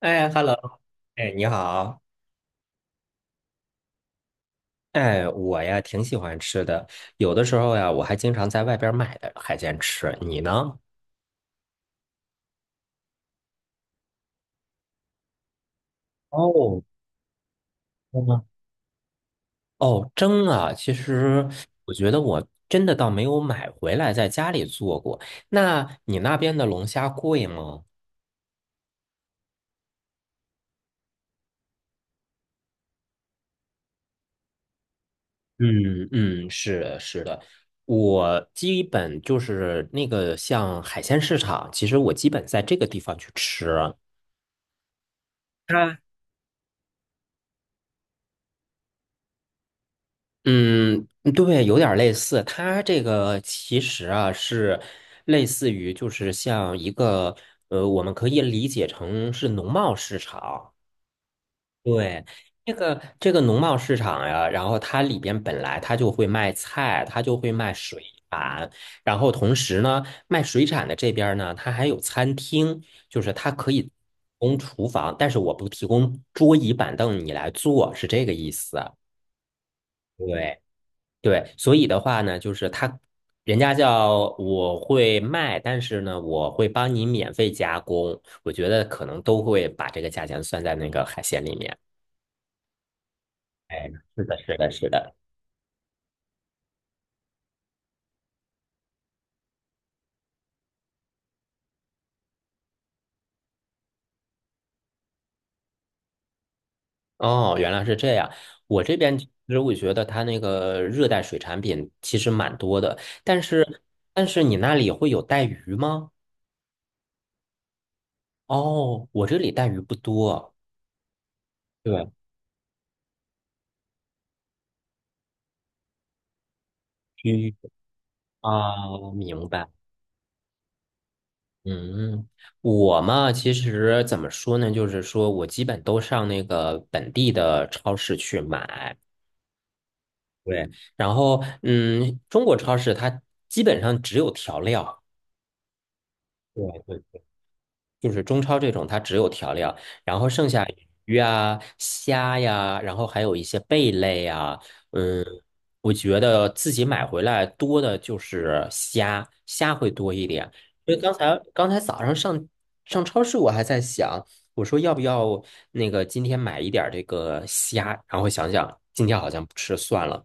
哎，hello。哎，你好。哎，我呀挺喜欢吃的。有的时候呀，我还经常在外边买的海鲜吃。你呢？哦，真的吗？哦，蒸啊，其实我觉得我真的倒没有买回来在家里做过。那你那边的龙虾贵吗？嗯嗯，是的，是的。我基本就是那个像海鲜市场，其实我基本在这个地方去吃。啊。嗯，对，有点儿类似。它这个其实啊是类似于，就是像一个我们可以理解成是农贸市场。对，这个农贸市场呀，然后它里边本来它就会卖菜，它就会卖水产。然后同时呢，卖水产的这边儿呢，它还有餐厅，就是它可以提供厨房，但是我不提供桌椅板凳，你来坐，是这个意思。对。对，所以的话呢，就是他，人家叫我会卖，但是呢，我会帮你免费加工。我觉得可能都会把这个价钱算在那个海鲜里面。哎，是的，是的，是的。哦，原来是这样。我这边其实我觉得它那个热带水产品其实蛮多的，但是你那里会有带鱼吗？哦，我这里带鱼不多。对，鱼啊，明白。嗯，我嘛，其实怎么说呢，就是说我基本都上那个本地的超市去买。对，然后中国超市它基本上只有调料。对对。就是中超这种，它只有调料，然后剩下鱼啊、虾呀，然后还有一些贝类啊。嗯，我觉得自己买回来多的就是虾，虾会多一点。因为刚才早上上超市，我还在想，我说要不要那个今天买一点儿这个虾，然后想想今天好像不吃算了。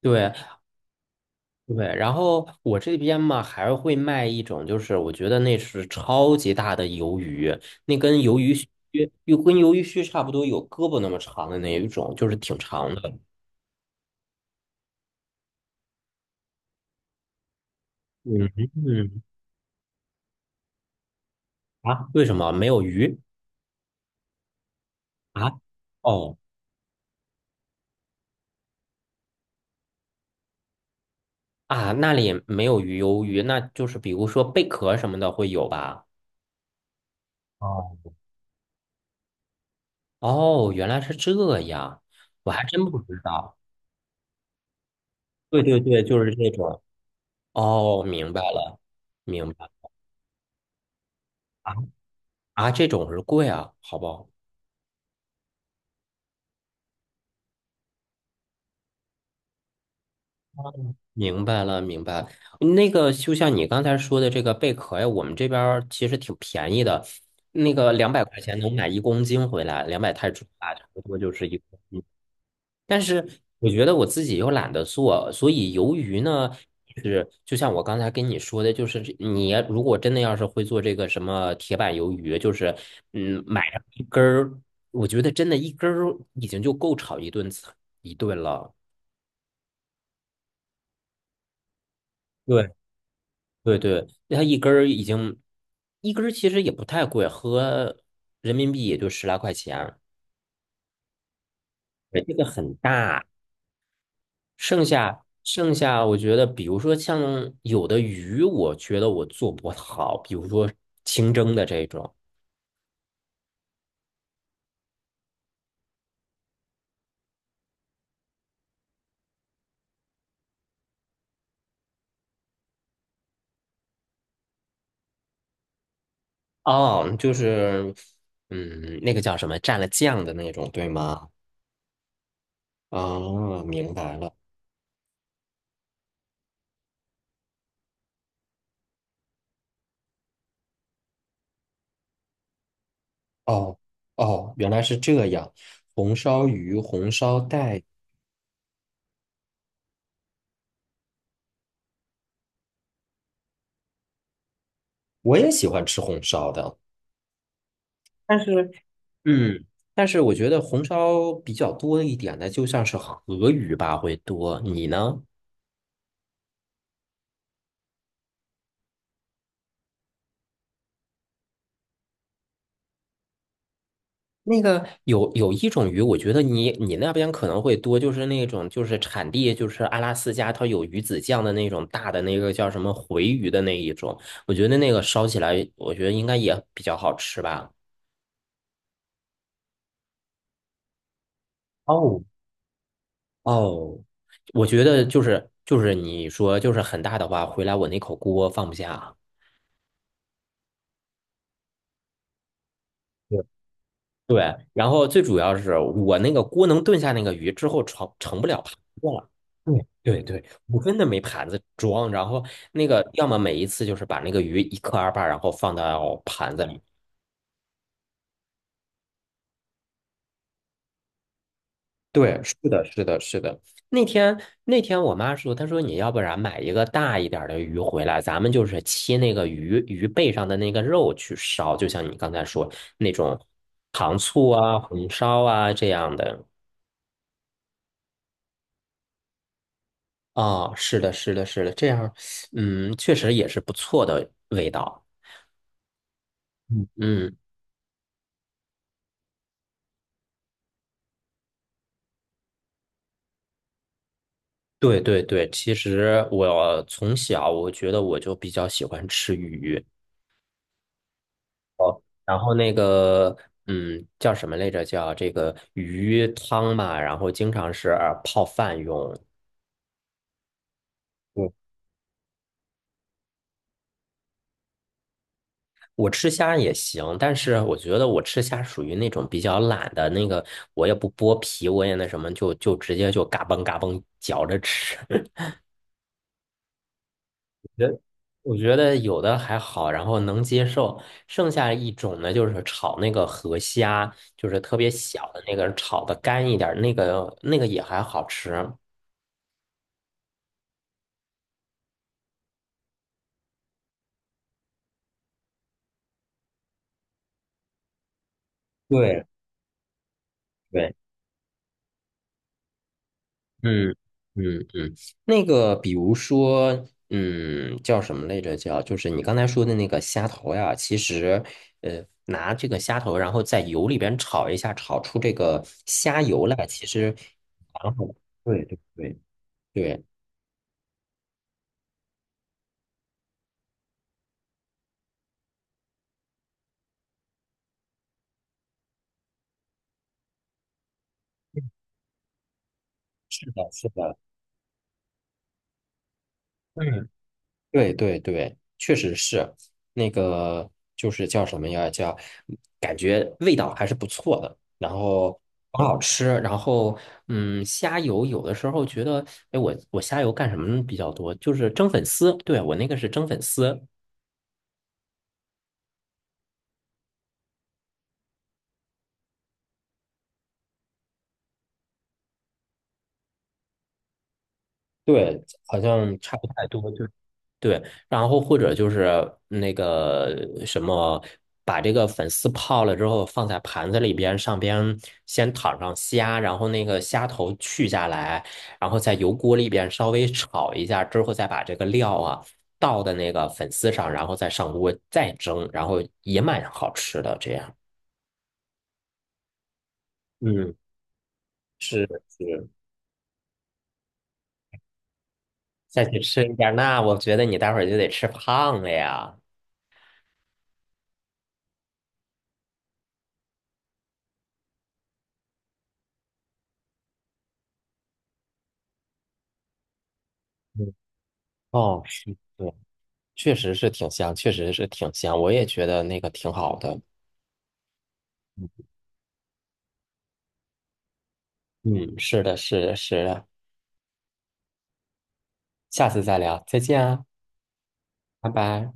对。对，然后我这边嘛还会卖一种，就是我觉得那是超级大的鱿鱼，那跟鱿鱼须又跟鱿鱼须差不多，有胳膊那么长的那一种，就是挺长的。嗯嗯啊，为什么没有鱼啊？哦啊，那里没有鱿鱼，那就是比如说贝壳什么的会有吧？哦，哦，原来是这样，我还真不知道。对对对，就是这种。哦，明白了，明白。啊。啊，这种是贵啊，好不好？明白了，明白了。那个就像你刚才说的这个贝壳呀，我们这边儿其实挺便宜的，那个200块钱能买1公斤回来，200泰铢吧，差不多就是一公。但是我觉得我自己又懒得做，所以鱿鱼呢，是就像我刚才跟你说的，就是这你如果真的要是会做这个什么铁板鱿鱼，就是买上一根儿，我觉得真的一根儿已经就够炒一顿菜一顿了。对。对对，它一根儿已经一根儿其实也不太贵，合人民币也就10来块钱。对这个很大。剩下，我觉得比如说像有的鱼，我觉得我做不好，比如说清蒸的这种。哦，就是那个叫什么蘸了酱的那种，对吗？哦，明白了。哦哦，原来是这样。红烧鱼、红烧带，我也喜欢吃红烧的。但是嗯，但是我觉得红烧比较多一点的，就像是河鱼吧，会多。你呢？那个有一种鱼，我觉得你那边可能会多，就是那种就是产地就是阿拉斯加，它有鱼子酱的那种大的那个叫什么回鱼的那一种，我觉得那个烧起来，我觉得应该也比较好吃吧。哦，哦，我觉得就是你说就是很大的话，回来我那口锅放不下。对，然后最主要是我那个锅能炖下那个鱼之后盛不了盘子了。对对对，我真的没盘子装。然后那个要么每一次就是把那个鱼一克二半，然后放到盘子里。对，是的，是的，是的。那天那天我妈说，她说你要不然买一个大一点儿的鱼回来，咱们就是切那个鱼背上的那个肉去烧，就像你刚才说那种糖醋啊、红烧啊这样的。啊，是的，是的，是的，这样，嗯，确实也是不错的味道。嗯嗯，对对对，其实我从小我觉得我就比较喜欢吃鱼。然后那个，嗯，叫什么来着？叫这个鱼汤嘛，然后经常是泡饭用。我我吃虾也行，但是我觉得我吃虾属于那种比较懒的那个，我也不剥皮，我也那什么，就直接就嘎嘣嘎嘣嚼着吃。觉得我觉得有的还好，然后能接受。剩下一种呢，就是炒那个河虾，就是特别小的那个，炒的干一点儿，那个也还好吃。对对，嗯嗯嗯，那个比如说，嗯，叫什么来着？叫就是你刚才说的那个虾头呀，其实，拿这个虾头，然后在油里边炒一下，炒出这个虾油来，其实蛮好的。对对对对，是的，是的。嗯，对对对，确实是那个，就是叫什么呀？叫感觉味道还是不错的，然后很好吃。然后，嗯，虾油有的时候觉得，哎，我虾油干什么比较多？就是蒸粉丝。对，我那个是蒸粉丝。对，好像差不太多。对，然后或者就是那个什么，把这个粉丝泡了之后放在盘子里边，上边先躺上虾，然后那个虾头去下来，然后在油锅里边稍微炒一下之后，再把这个料啊倒的那个粉丝上，然后再上锅再蒸，然后也蛮好吃的。这样，嗯，是是。再去吃一点那我觉得你待会儿就得吃胖了呀。嗯，哦，是。的。确实是挺香，确实是挺香，我也觉得那个挺好的。嗯，是的，是的，是的。下次再聊，再见啊，拜拜。